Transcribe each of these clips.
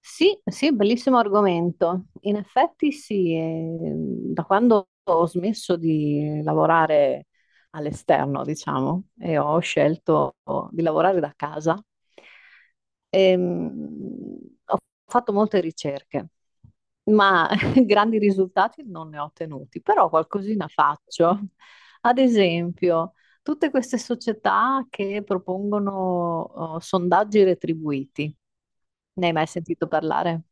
Sì, sì, bellissimo argomento. In effetti sì, da quando ho smesso di lavorare all'esterno, diciamo, e ho scelto di lavorare da casa, ehm, ho fatto molte ricerche, ma grandi risultati non ne ho ottenuti, però qualcosina faccio. Ad esempio, tutte queste società che propongono, oh, sondaggi retribuiti. Ne hai mai sentito parlare?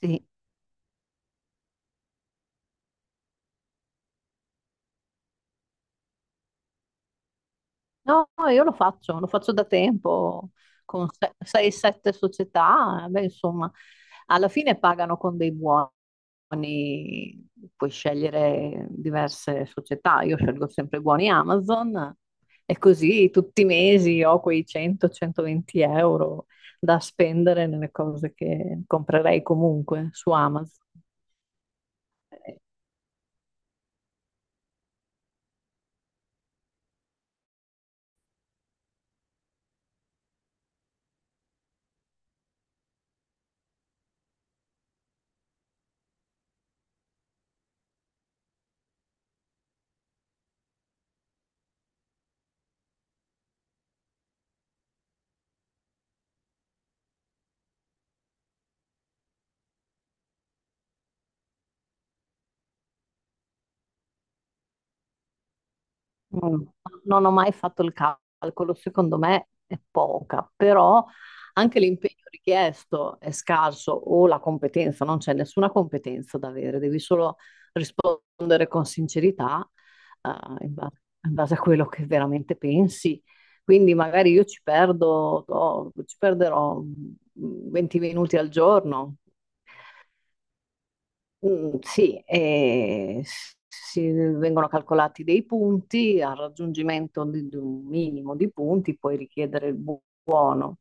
Sì. No, io lo faccio da tempo con 6-7 società, beh, insomma, alla fine pagano con dei buoni, puoi scegliere diverse società, io scelgo sempre i buoni Amazon e così tutti i mesi ho quei 100-120 euro da spendere nelle cose che comprerei comunque su Amazon. Non, non ho mai fatto il calcolo, secondo me è poca, però anche l'impegno richiesto è scarso o la competenza, non c'è nessuna competenza da avere, devi solo rispondere con sincerità, eh, in ba- in base a quello che veramente pensi. Quindi magari io ci perdo, oh, ci perderò 20 minuti al giorno. Mm, sì, si vengono calcolati dei punti, al raggiungimento di un minimo di punti puoi richiedere il buono.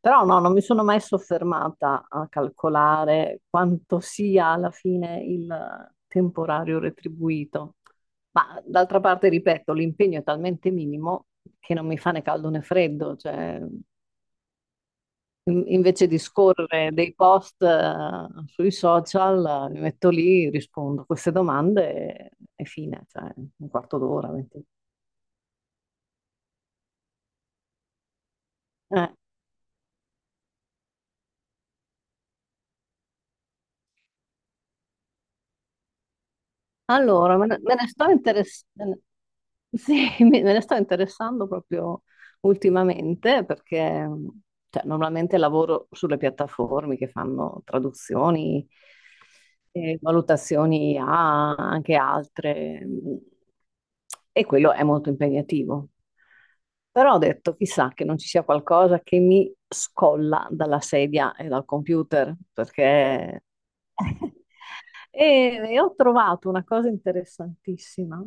Però no, non mi sono mai soffermata a calcolare quanto sia alla fine il temporario retribuito. Ma d'altra parte, ripeto, l'impegno è talmente minimo che non mi fa né caldo né freddo, cioè invece di scorrere dei post, sui social, mi metto lì, rispondo a queste domande e fine, cioè un quarto d'ora, 20. Allora, me ne sto interess- me ne- sì, me ne sto interessando proprio ultimamente perché cioè, normalmente lavoro sulle piattaforme che fanno traduzioni e valutazioni a anche altre, e quello è molto impegnativo. Però ho detto, chissà che non ci sia qualcosa che mi scolla dalla sedia e dal computer, perché E ho trovato una cosa interessantissima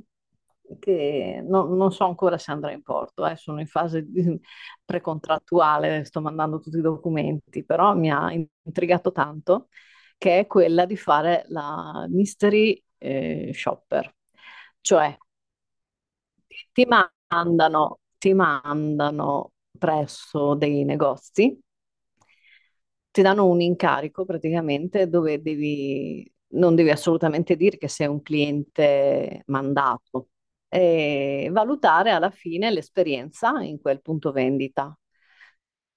che non so ancora se andrà in porto, sono in fase precontrattuale, sto mandando tutti i documenti, però mi ha intrigato tanto, che è quella di fare la mystery shopper. Cioè, ti mandano presso dei negozi, ti danno un incarico praticamente dove non devi assolutamente dire che sei un cliente mandato e valutare alla fine l'esperienza in quel punto vendita.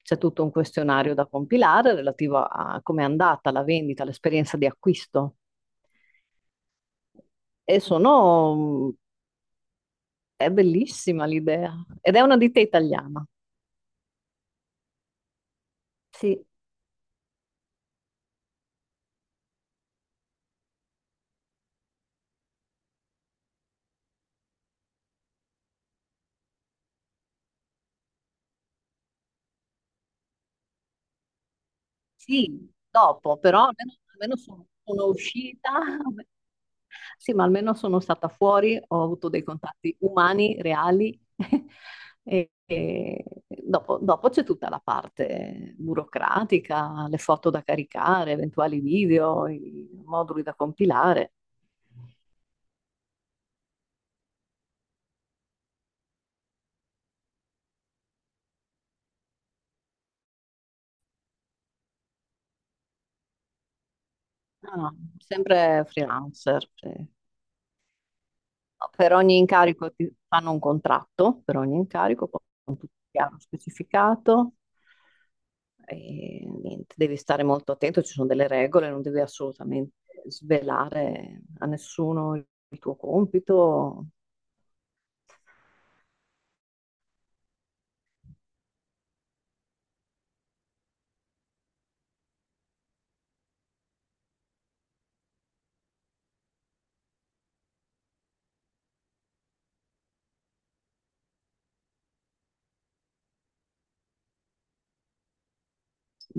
C'è tutto un questionario da compilare relativo a come è andata la vendita, l'esperienza di acquisto. E sono È bellissima l'idea. Ed è una ditta italiana. Sì, sì, dopo, però almeno sono uscita. Sì, ma almeno sono stata fuori, ho avuto dei contatti umani, reali. E dopo c'è tutta la parte burocratica, le foto da caricare, eventuali video, i moduli da compilare. Ah, sempre freelancer. Sì. Per ogni incarico ti fanno un contratto, per ogni incarico, con tutto chiaro specificato. E niente, devi stare molto attento, ci sono delle regole, non devi assolutamente svelare a nessuno il tuo compito.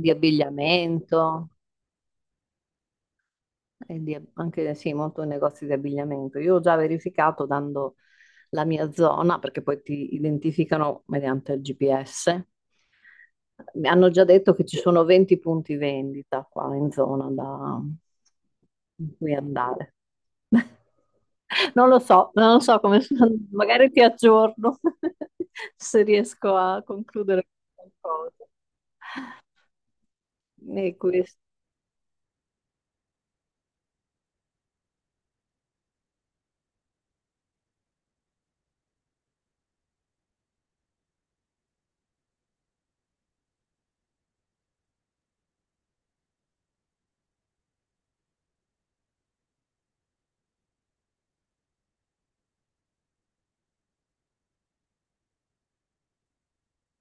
Di abbigliamento. E anche sì, molto negozi di abbigliamento. Io ho già verificato dando la mia zona, perché poi ti identificano mediante il GPS. Mi hanno già detto che ci sono 20 punti vendita qua in zona da in cui andare. Non lo so, non lo so come sono, magari ti aggiorno se riesco a concludere qualcosa. E questo.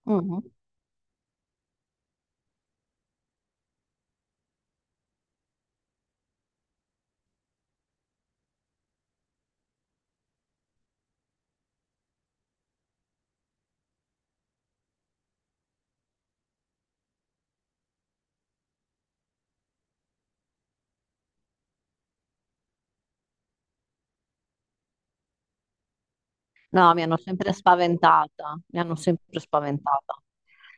Mhm. No, mi hanno sempre spaventata, mi hanno sempre spaventata.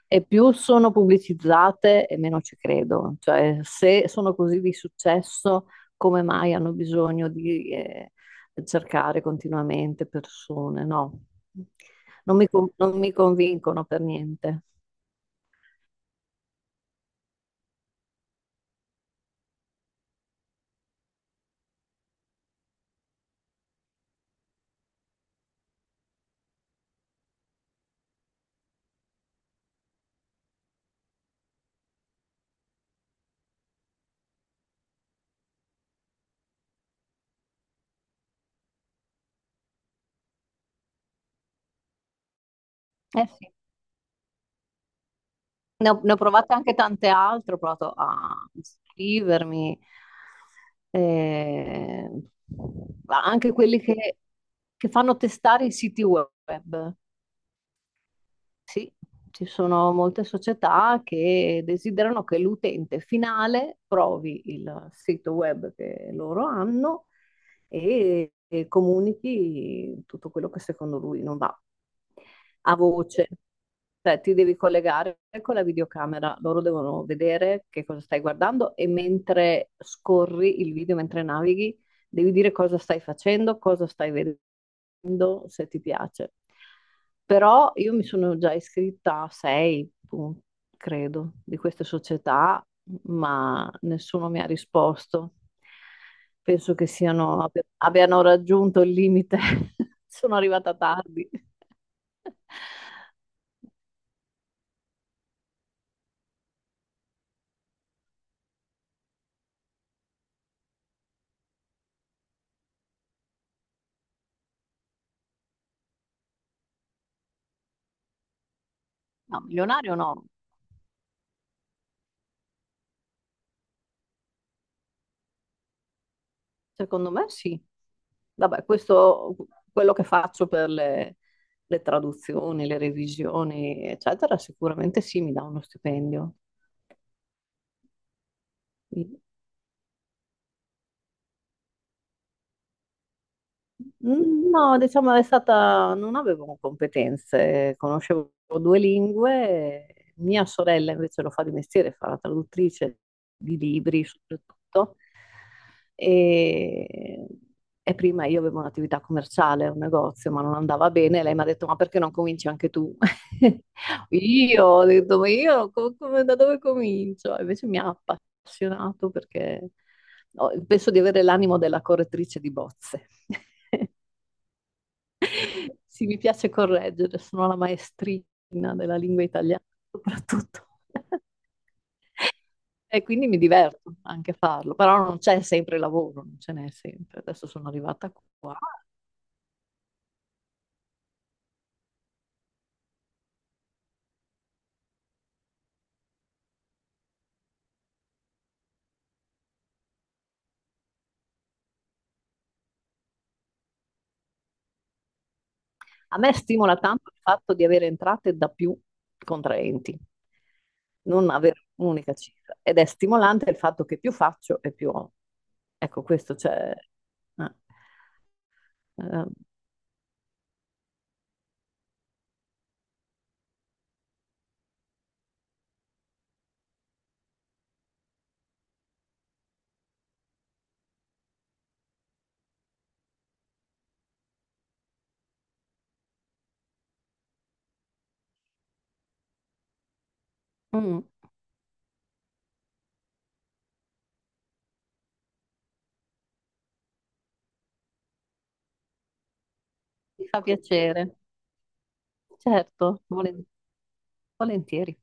E più sono pubblicizzate e meno ci credo. Cioè, se sono così di successo, come mai hanno bisogno di cercare continuamente persone? No, non mi convincono per niente. Eh sì, ne ho provate anche tante altre, ho provato a iscrivermi, eh, ma anche quelli che fanno testare i siti web. Sì, ci sono molte società che desiderano che l'utente finale provi il sito web che loro hanno e comunichi tutto quello che secondo lui non va a voce. Cioè, ti devi collegare con la videocamera, loro devono vedere che cosa stai guardando e mentre scorri il video, mentre navighi, devi dire cosa stai facendo, cosa stai vedendo, se ti piace. Però io mi sono già iscritta a sei, credo, di queste società, ma nessuno mi ha risposto. Penso che abbiano raggiunto il limite. Sono arrivata tardi. No, milionario no. Secondo me sì. Vabbè, quello che faccio per le traduzioni, le revisioni, eccetera, sicuramente sì, mi dà uno stipendio. Mm, no, diciamo non avevo competenze, conoscevo due lingue, mia sorella invece lo fa di mestiere, fa la traduttrice di libri soprattutto, e, e prima io avevo un'attività commerciale, un negozio, ma non andava bene, lei mi ha detto ma perché non cominci anche tu? Io ho detto ma io da dove comincio? Invece mi ha appassionato perché penso di avere l'animo della correttrice di bozze. Sì, mi piace correggere, sono la maestrina della lingua italiana soprattutto. E quindi mi diverto anche a farlo, però non c'è sempre lavoro, non ce n'è sempre. Adesso sono arrivata qua. A me stimola tanto il fatto di avere entrate da più contraenti, non avere un'unica cifra. Ed è stimolante il fatto che più faccio e più ho. Ecco, questo c'è. eh, eh, mm, Mi fa piacere, certo, volentieri.